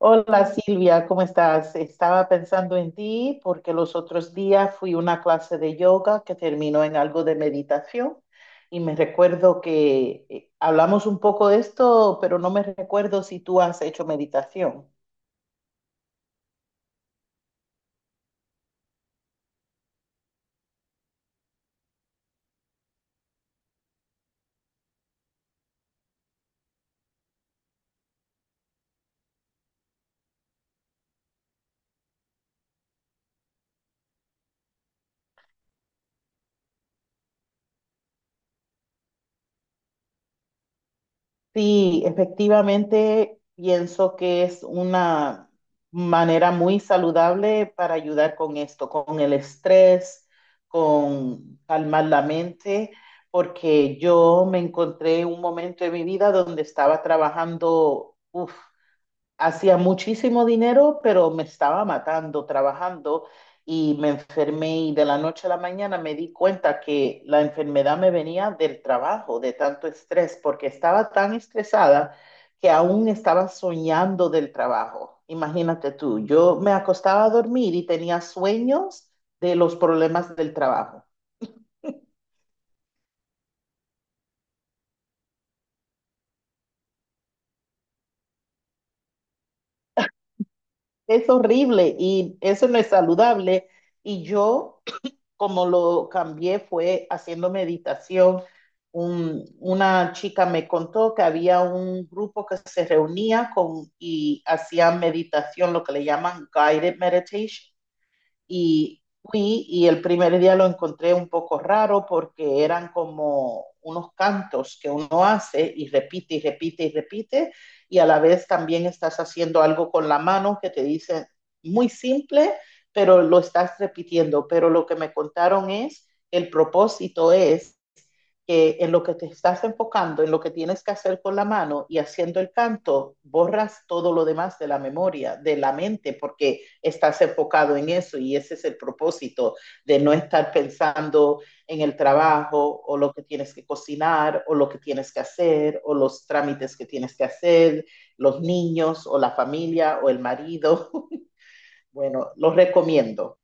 Hola Silvia, ¿cómo estás? Estaba pensando en ti porque los otros días fui a una clase de yoga que terminó en algo de meditación y me recuerdo que hablamos un poco de esto, pero no me recuerdo si tú has hecho meditación. Sí, efectivamente, pienso que es una manera muy saludable para ayudar con esto, con el estrés, con calmar la mente, porque yo me encontré un momento en mi vida donde estaba trabajando, uf, hacía muchísimo dinero, pero me estaba matando trabajando y me enfermé y de la noche a la mañana me di cuenta que la enfermedad me venía del trabajo, de tanto estrés, porque estaba tan estresada que aún estaba soñando del trabajo. Imagínate tú, yo me acostaba a dormir y tenía sueños de los problemas del trabajo. Es horrible y eso no es saludable. Y yo como lo cambié fue haciendo meditación. Una chica me contó que había un grupo que se reunía con y hacían meditación, lo que le llaman guided meditation, y fui y el primer día lo encontré un poco raro porque eran como unos cantos que uno hace y repite y repite y repite y a la vez también estás haciendo algo con la mano que te dice muy simple, pero lo estás repitiendo. Pero lo que me contaron es, el propósito es que en lo que te estás enfocando, en lo que tienes que hacer con la mano y haciendo el canto, borras todo lo demás de la memoria, de la mente, porque estás enfocado en eso y ese es el propósito de no estar pensando en el trabajo o lo que tienes que cocinar o lo que tienes que hacer o los trámites que tienes que hacer, los niños o la familia o el marido. Bueno, los recomiendo.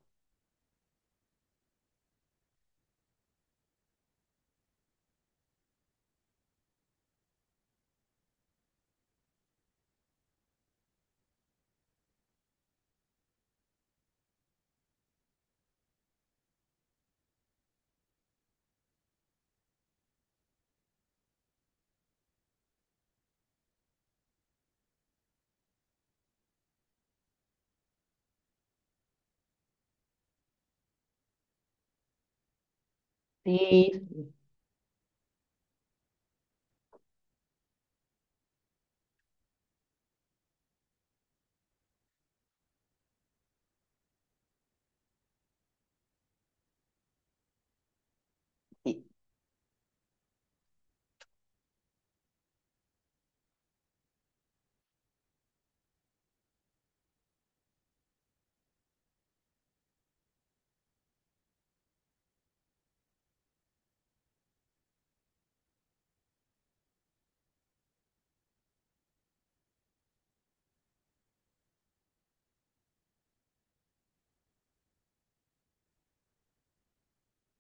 Sí, sí.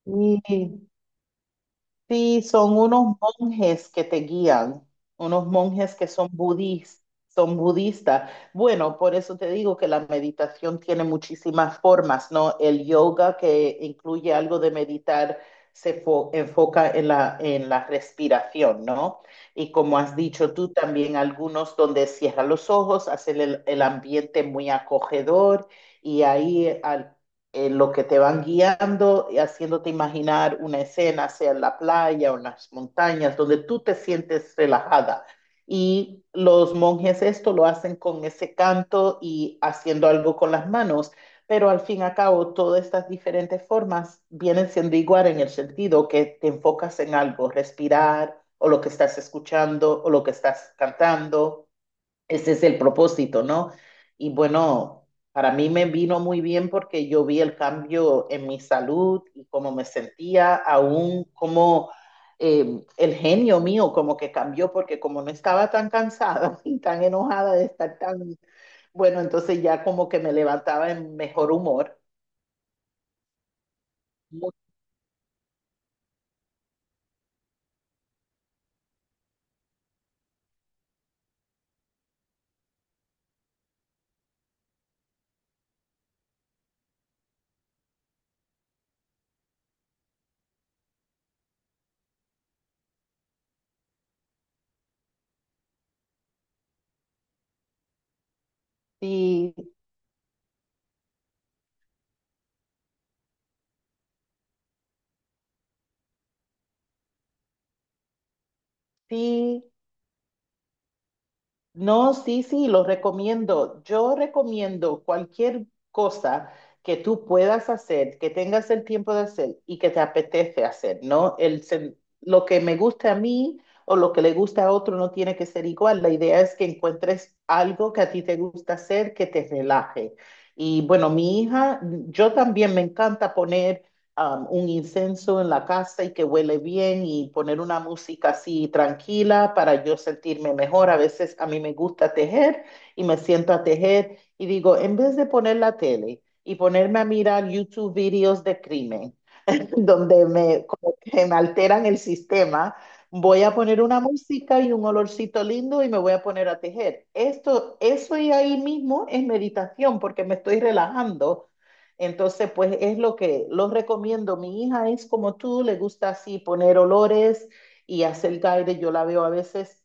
Sí, sí, son unos monjes que te guían, unos monjes que son budis- son budistas. Bueno, por eso te digo que la meditación tiene muchísimas formas, ¿no? El yoga, que incluye algo de meditar, se enfoca en la respiración, ¿no? Y como has dicho tú, también algunos donde cierra los ojos, hacen el ambiente muy acogedor y ahí al en lo que te van guiando y haciéndote imaginar una escena, sea en la playa o en las montañas, donde tú te sientes relajada. Y los monjes esto lo hacen con ese canto y haciendo algo con las manos, pero al fin y al cabo todas estas diferentes formas vienen siendo igual en el sentido que te enfocas en algo, respirar o lo que estás escuchando o lo que estás cantando. Ese es el propósito, ¿no? Y bueno, para mí me vino muy bien porque yo vi el cambio en mi salud y cómo me sentía, aún como el genio mío como que cambió porque como no estaba tan cansada y tan enojada de estar tan, bueno, entonces ya como que me levantaba en mejor humor. Sí, sí. No, sí, sí, lo recomiendo. Yo recomiendo cualquier cosa que tú puedas hacer, que tengas el tiempo de hacer y que te apetece hacer, ¿no? Lo que me gusta a mí o lo que le gusta a otro no tiene que ser igual. La idea es que encuentres algo que a ti te gusta hacer, que te relaje. Y bueno, mi hija, yo también me encanta poner un incenso en la casa y que huele bien y poner una música así tranquila para yo sentirme mejor. A veces a mí me gusta tejer y me siento a tejer y digo, en vez de poner la tele y ponerme a mirar YouTube videos de crimen, donde me, como que me alteran el sistema, voy a poner una música y un olorcito lindo y me voy a poner a tejer. Esto, eso y ahí mismo es meditación porque me estoy relajando. Entonces, pues es lo que los recomiendo. Mi hija es como tú, le gusta así poner olores y hacer guide. Yo la veo a veces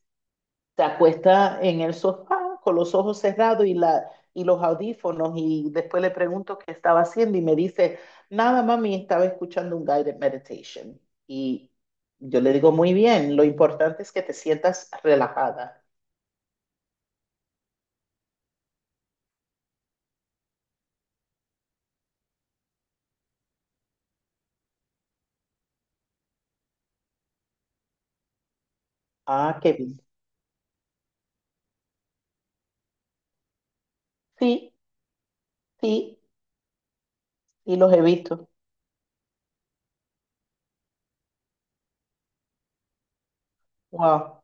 se acuesta en el sofá con los ojos cerrados y los audífonos y después le pregunto qué estaba haciendo y me dice, nada, mami, estaba escuchando un guided meditation. Y yo le digo, muy bien, lo importante es que te sientas relajada. Ah, qué bien. Sí, sí, y los he visto. Wow,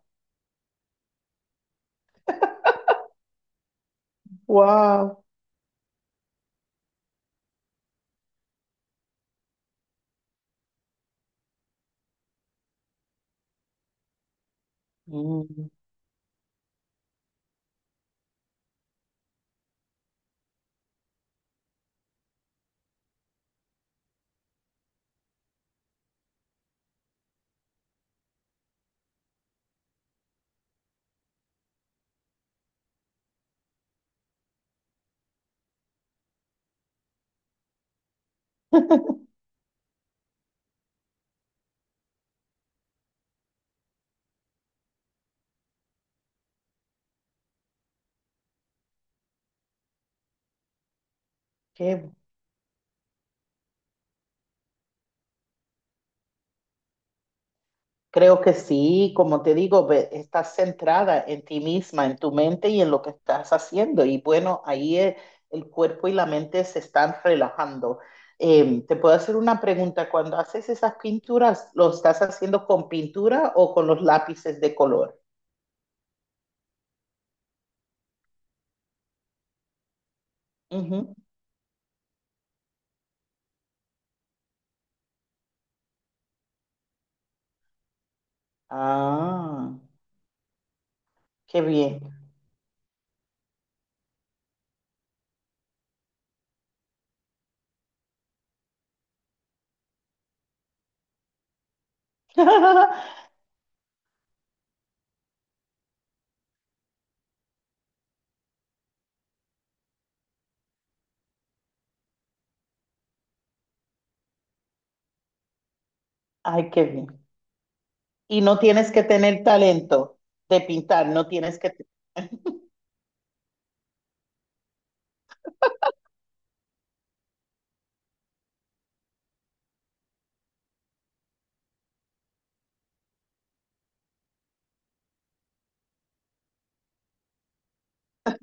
wow, mm, qué... Creo que sí, como te digo, estás centrada en ti misma, en tu mente y en lo que estás haciendo. Y bueno, el cuerpo y la mente se están relajando. Te puedo hacer una pregunta. Cuando haces esas pinturas, ¿lo estás haciendo con pintura o con los lápices de color? Ujú. Ah, qué bien. Ay, qué bien. Y no tienes que tener talento de pintar, no tienes que...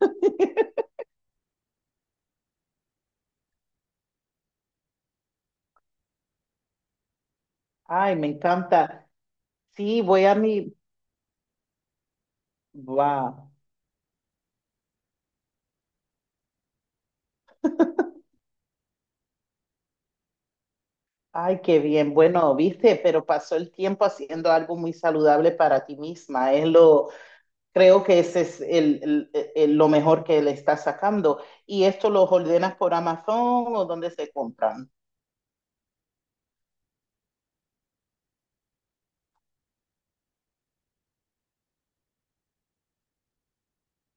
Ay, me encanta. Sí, voy a mi... Wow. Ay, qué bien. Bueno, viste, pero pasó el tiempo haciendo algo muy saludable para ti misma. Es lo, creo que ese es lo mejor que le estás sacando. ¿Y esto lo ordenas por Amazon o dónde se compran?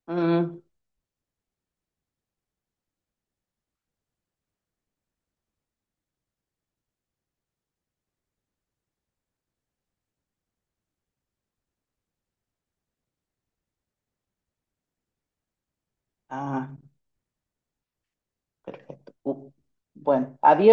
Mm. Ah, perfecto. Uh. Bueno, adiós.